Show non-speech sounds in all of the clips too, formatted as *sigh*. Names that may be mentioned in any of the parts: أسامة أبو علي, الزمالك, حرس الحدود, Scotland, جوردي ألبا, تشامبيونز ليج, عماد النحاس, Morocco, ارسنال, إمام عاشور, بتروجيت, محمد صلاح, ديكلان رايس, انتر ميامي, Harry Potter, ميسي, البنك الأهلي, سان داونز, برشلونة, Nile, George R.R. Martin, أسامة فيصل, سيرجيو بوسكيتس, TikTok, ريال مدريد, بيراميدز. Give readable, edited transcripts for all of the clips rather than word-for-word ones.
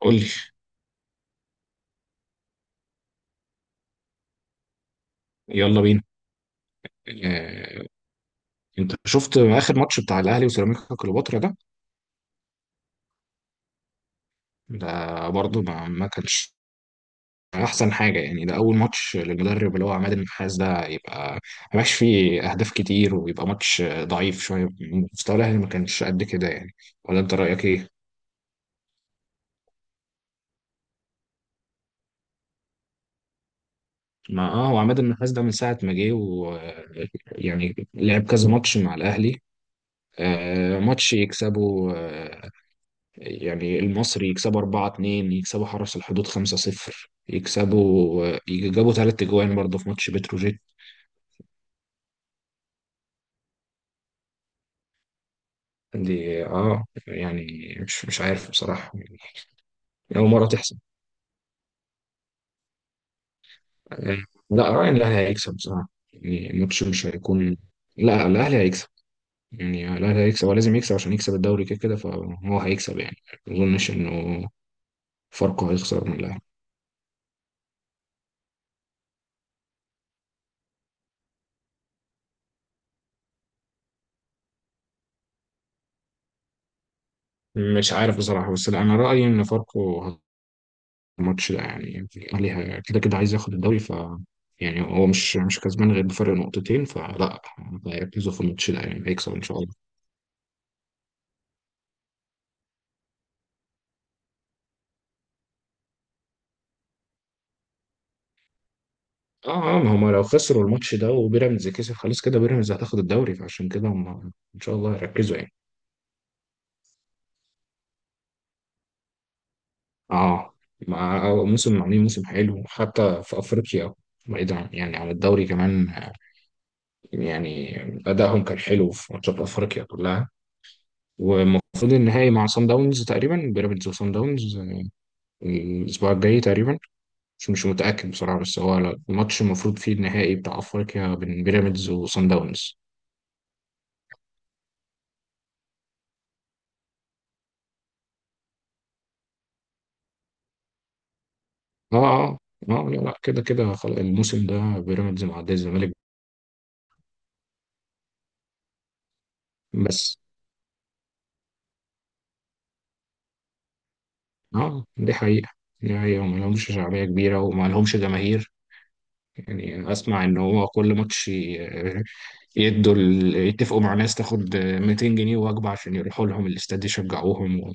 قول لي. يلا بينا. آه، انت شفت اخر ماتش بتاع الاهلي وسيراميكا كليوباترا ده. ده برضه ما كانش احسن حاجه، يعني ده اول ماتش للمدرب اللي هو عماد النحاس ده، يبقى ما بقاش فيه اهداف كتير ويبقى ماتش ضعيف شويه. مستوى الاهلي ما كانش قد كده يعني. ولا انت رايك ايه؟ ما هو عماد النحاس ده من ساعه ما جه، و يعني لعب كذا ماتش مع الاهلي. ماتش يكسبه، يعني المصري يكسبوا 4-2، يكسبوا حرس الحدود 5-0، يكسبوا يجابوا ثلاث اجوان برضه في ماتش بتروجيت. دي اه يعني مش عارف بصراحة يعني. أول مرة تحصل. آه، لا رأيي إن الأهلي هيكسب بصراحة، يعني الماتش مش هيكون. لا، الأهلي هيكسب، يعني الأهلي هيكسب، هو لازم يكسب عشان يكسب الدوري كده كده، فهو هيكسب يعني. ما أظنش إنه فاركو هيخسر من الأهلي. مش عارف بصراحة، بس لا، أنا رأيي إن فاركو، الماتش ده يعني الأهلي كده كده عايز ياخد الدوري، ف يعني هو مش كسبان غير بفرق نقطتين، فلا، هيركزوا في الماتش ده يعني هيكسب ان شاء الله. اه اه، ما هم لو خسروا الماتش ده وبيراميدز كسب خلاص، كده بيراميدز هتاخد الدوري، فعشان كده هم ان شاء الله هيركزوا يعني. اه، مع موسم عاملين موسم حلو حتى في افريقيا. يعني عن الدوري كمان، يعني ادائهم كان حلو في ماتشات افريقيا كلها. والمفروض النهائي مع سان داونز، تقريبا بيراميدز وسان داونز الاسبوع الجاي تقريبا. مش متأكد بصراحة، بس هو الماتش المفروض فيه النهائي بتاع أفريقيا بين بيراميدز وصن داونز. اه اه. اه، لا لا، كده كده خلاص الموسم ده بيراميدز معدي الزمالك. بس اه، دي حقيقة. دي حقيقة، وما لهمش شعبية كبيرة وما لهمش جماهير. يعني أسمع إن هو كل ماتش *laughs* يتفقوا مع ناس تاخد 200 جنيه وجبة عشان يروحوا لهم الاستاد يشجعوهم و...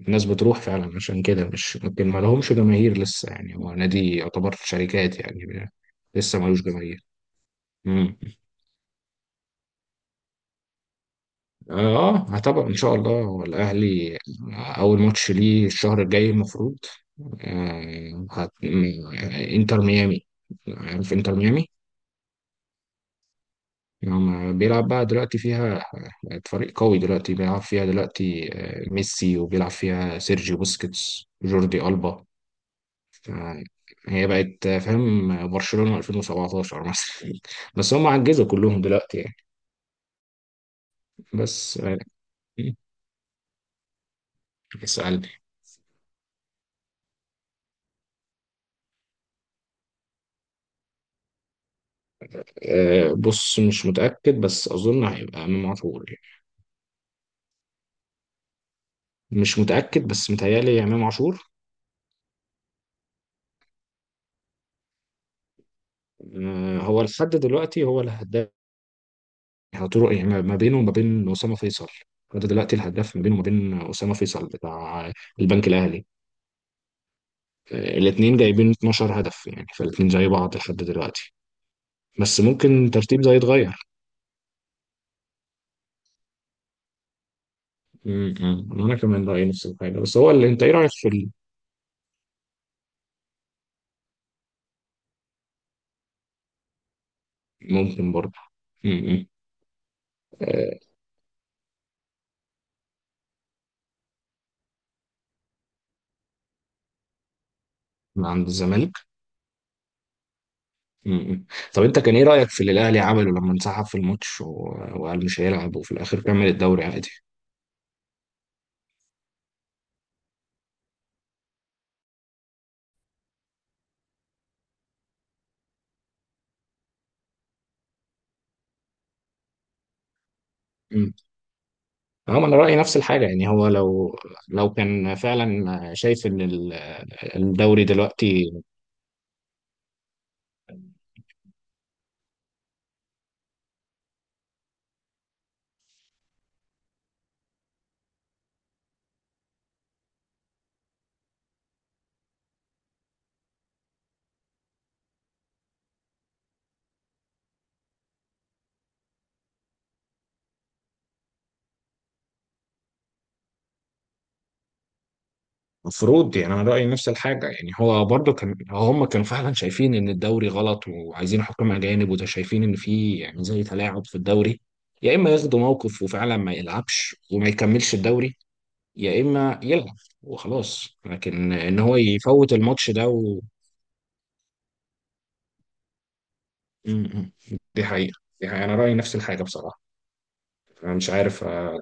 الناس بتروح فعلا، عشان كده مش ممكن ما لهمش جماهير لسه، يعني هو نادي يعتبر شركات يعني. لسه ملوش جماهير. مم. اه، هتابع ان شاء الله، هو الاهلي اول ماتش ليه الشهر الجاي المفروض آه هت... م- انتر ميامي. عارف انتر ميامي. نعم، بيلعب بقى دلوقتي فيها فريق قوي دلوقتي، بيلعب فيها دلوقتي ميسي، وبيلعب فيها سيرجيو بوسكيتس، جوردي ألبا. ف- هي بقت فاهم، برشلونة 2017 مثلا *laughs* بس هم عجزوا كلهم دلوقتي يعني. بس آه، اسألني. بص مش متأكد، بس أظن هيبقى إمام عاشور يعني. مش متأكد، بس متهيألي إمام عاشور. هو لحد دلوقتي هو الهداف، يحطوا له يعني، ما بينه وما بين أسامة فيصل. فده دلوقتي الهداف، ما بينه وما بين أسامة فيصل بتاع البنك الأهلي. الاثنين جايبين 12 هدف يعني، فالاثنين زي بعض لحد دلوقتي. بس ممكن ترتيب ده يتغير. م- م. انا كمان رايي نفس الحاجه، بس هو اللي انت ايه رايك في ممكن برضه. م- م. آه، من عند الزمالك. م- م. طب انت كان ايه رايك في اللي الاهلي عمله لما انسحب في الماتش وقال مش هيلعب، وفي الاخر كمل الدوري عادي. هم انا رايي نفس الحاجه، يعني هو لو كان فعلا شايف ان الدوري دلوقتي مفروض، يعني انا رايي نفس الحاجه، يعني هو برضو كان، هم كانوا فعلا شايفين ان الدوري غلط وعايزين حكام اجانب، وده شايفين ان في يعني زي تلاعب في الدوري، يا اما ياخدوا موقف وفعلا ما يلعبش وما يكملش الدوري، يا اما يلعب وخلاص، لكن ان هو يفوت الماتش ده و... م- م. دي حقيقه، دي حقيقه، انا رايي نفس الحاجه بصراحه. انا مش عارف.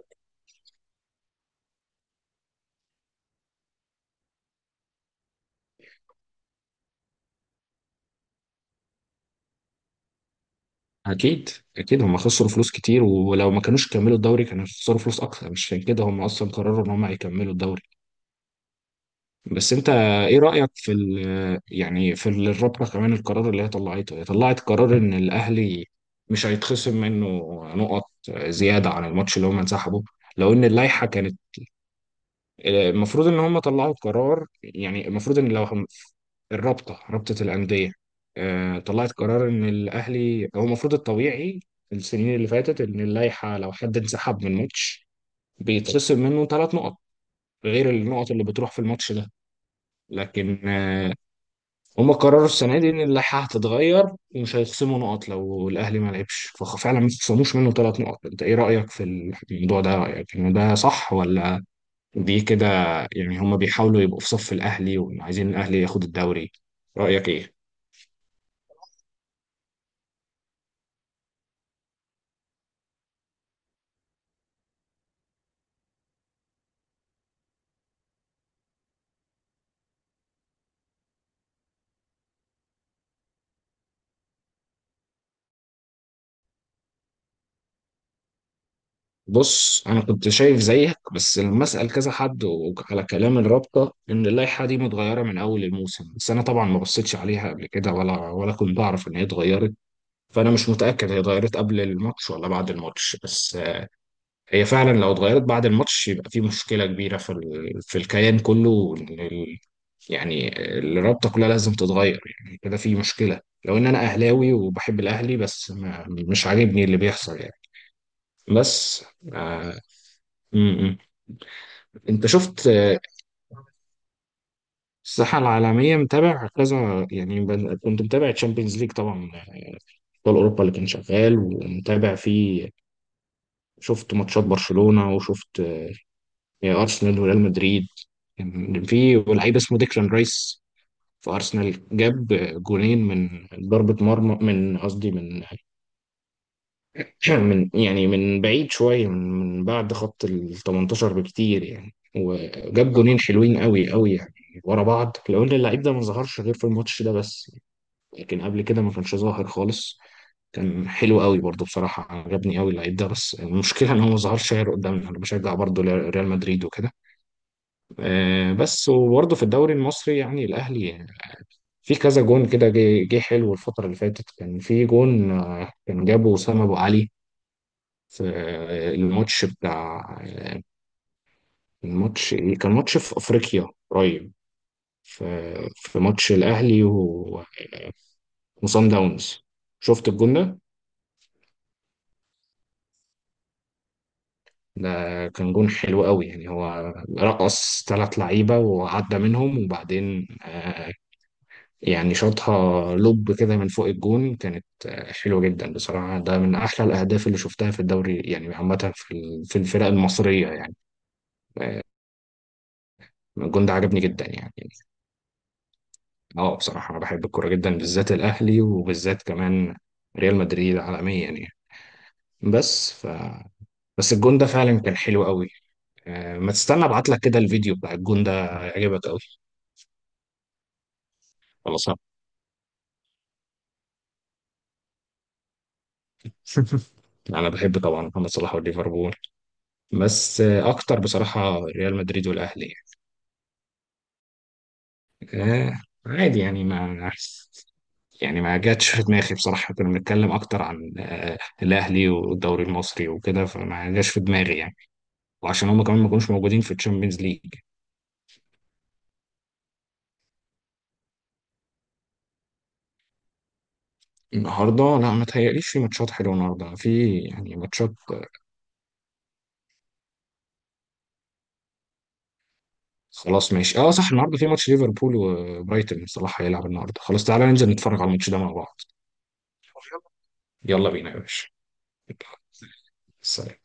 اكيد. اكيد هم خسروا فلوس كتير، ولو ما كانوش كملوا الدوري كانوا خسروا فلوس اكتر، مش عشان كده هم اصلا قرروا ان هم هيكملوا الدوري. بس انت ايه رايك في ال- يعني في ال- الرابطه كمان، القرار اللي هي طلعته؟ هي طلعت قرار ان الاهلي مش هيتخصم منه نقط زياده عن الماتش اللي هم انسحبوا، لو ان اللائحه كانت المفروض ان هم طلعوا قرار، يعني المفروض ان لو الرابطه، رابطه الانديه، طلعت قرار ان الاهلي، هو المفروض الطبيعي في السنين اللي فاتت ان اللائحه، لو حد انسحب من ماتش بيتخصم منه ثلاث نقط غير النقط اللي بتروح في الماتش ده، لكن هم قرروا السنه دي ان اللائحه هتتغير، ومش هيخصموا نقط لو الاهلي ما لعبش، ففعلا ما خصموش منه ثلاث نقط. انت ايه رايك في الموضوع ده؟ رايك ان ده صح ولا دي كده، يعني هم بيحاولوا يبقوا في صف الاهلي وعايزين الاهلي ياخد الدوري؟ رايك ايه؟ بص انا كنت شايف زيك، بس لما اسال كذا حد على كلام الرابطه ان اللائحه دي متغيره من اول الموسم، بس انا طبعا ما بصيتش عليها قبل كده، ولا كنت اعرف ان هي اتغيرت، فانا مش متاكد هي اتغيرت قبل الماتش ولا بعد الماتش، بس هي فعلا لو اتغيرت بعد الماتش يبقى في مشكله كبيره في في الكيان كله، وإن يعني الرابطه كلها لازم تتغير، يعني كده في مشكله. لو ان انا اهلاوي وبحب الاهلي، بس ما... مش عاجبني اللي بيحصل يعني. بس آه... م- م. انت شفت الساحه العالميه، متابع كذا يعني، كنت متابع تشامبيونز ليج طبعا، ابطال اوروبا اللي كان شغال، ومتابع فيه، شفت ماتشات برشلونه، وشفت ارسنال وريال مدريد. كان في لعيب اسمه ديكلان رايس في ارسنال، جاب جونين من ضربه مرمى، من قصدي من *clears throat* من يعني من بعيد شويه، من بعد خط ال 18 بكتير يعني، وجاب جونين حلوين قوي قوي يعني ورا بعض. لو ان اللعيب ده ما ظهرش غير في الماتش ده بس، لكن قبل كده ما كانش ظاهر خالص. كان حلو قوي برضه بصراحة، عجبني قوي اللعيب ده، بس المشكلة ان هو ما ظهرش غير قدامنا. انا بشجع برضه ريال مدريد وكده بس، وبرضه في الدوري المصري يعني الاهلي في كذا جون كده جه حلو الفترة اللي فاتت. كان في جون كان جابه أسامة أبو علي في الماتش بتاع، الماتش إيه؟ كان ماتش في أفريقيا قريب، في في ماتش الأهلي وصن داونز. شفت الجون ده؟ ده كان جون حلو قوي يعني، هو رقص ثلاث لعيبة وعدى منهم، وبعدين يعني شاطها لوب كده من فوق، الجون كانت حلوة جدا بصراحة، ده من أحلى الأهداف اللي شفتها في الدوري يعني، عامة في الفرق المصرية يعني. الجون ده عجبني جدا يعني. اه بصراحة، أنا بحب الكورة جدا، بالذات الأهلي، وبالذات كمان ريال مدريد عالميا يعني. بس ف بس الجون ده فعلا كان حلو قوي. ما تستنى ابعت لك كده الفيديو بتاع الجون ده، هيعجبك قوي. خلاص *laughs* انا بحب طبعا محمد صلاح والليفربول، بس اكتر بصراحه ريال مدريد والاهلي. يعني. عادي يعني ما، يعني ما جاتش في دماغي بصراحه، كنا بنتكلم اكتر عن الاهلي والدوري المصري وكده، فما جاش في دماغي يعني، وعشان هم كمان ما كانوش موجودين في الشامبيونز ليج. النهارده لا، ما تهيأليش في ماتشات حلوه النهارده، في يعني ماتشات خلاص ماشي. اه صح، النهارده في ماتش ليفربول وبرايتون، صلاح هيلعب النهارده، خلاص تعالى ننزل نتفرج على الماتش ده مع بعض. يلا بينا يا باشا. سلام.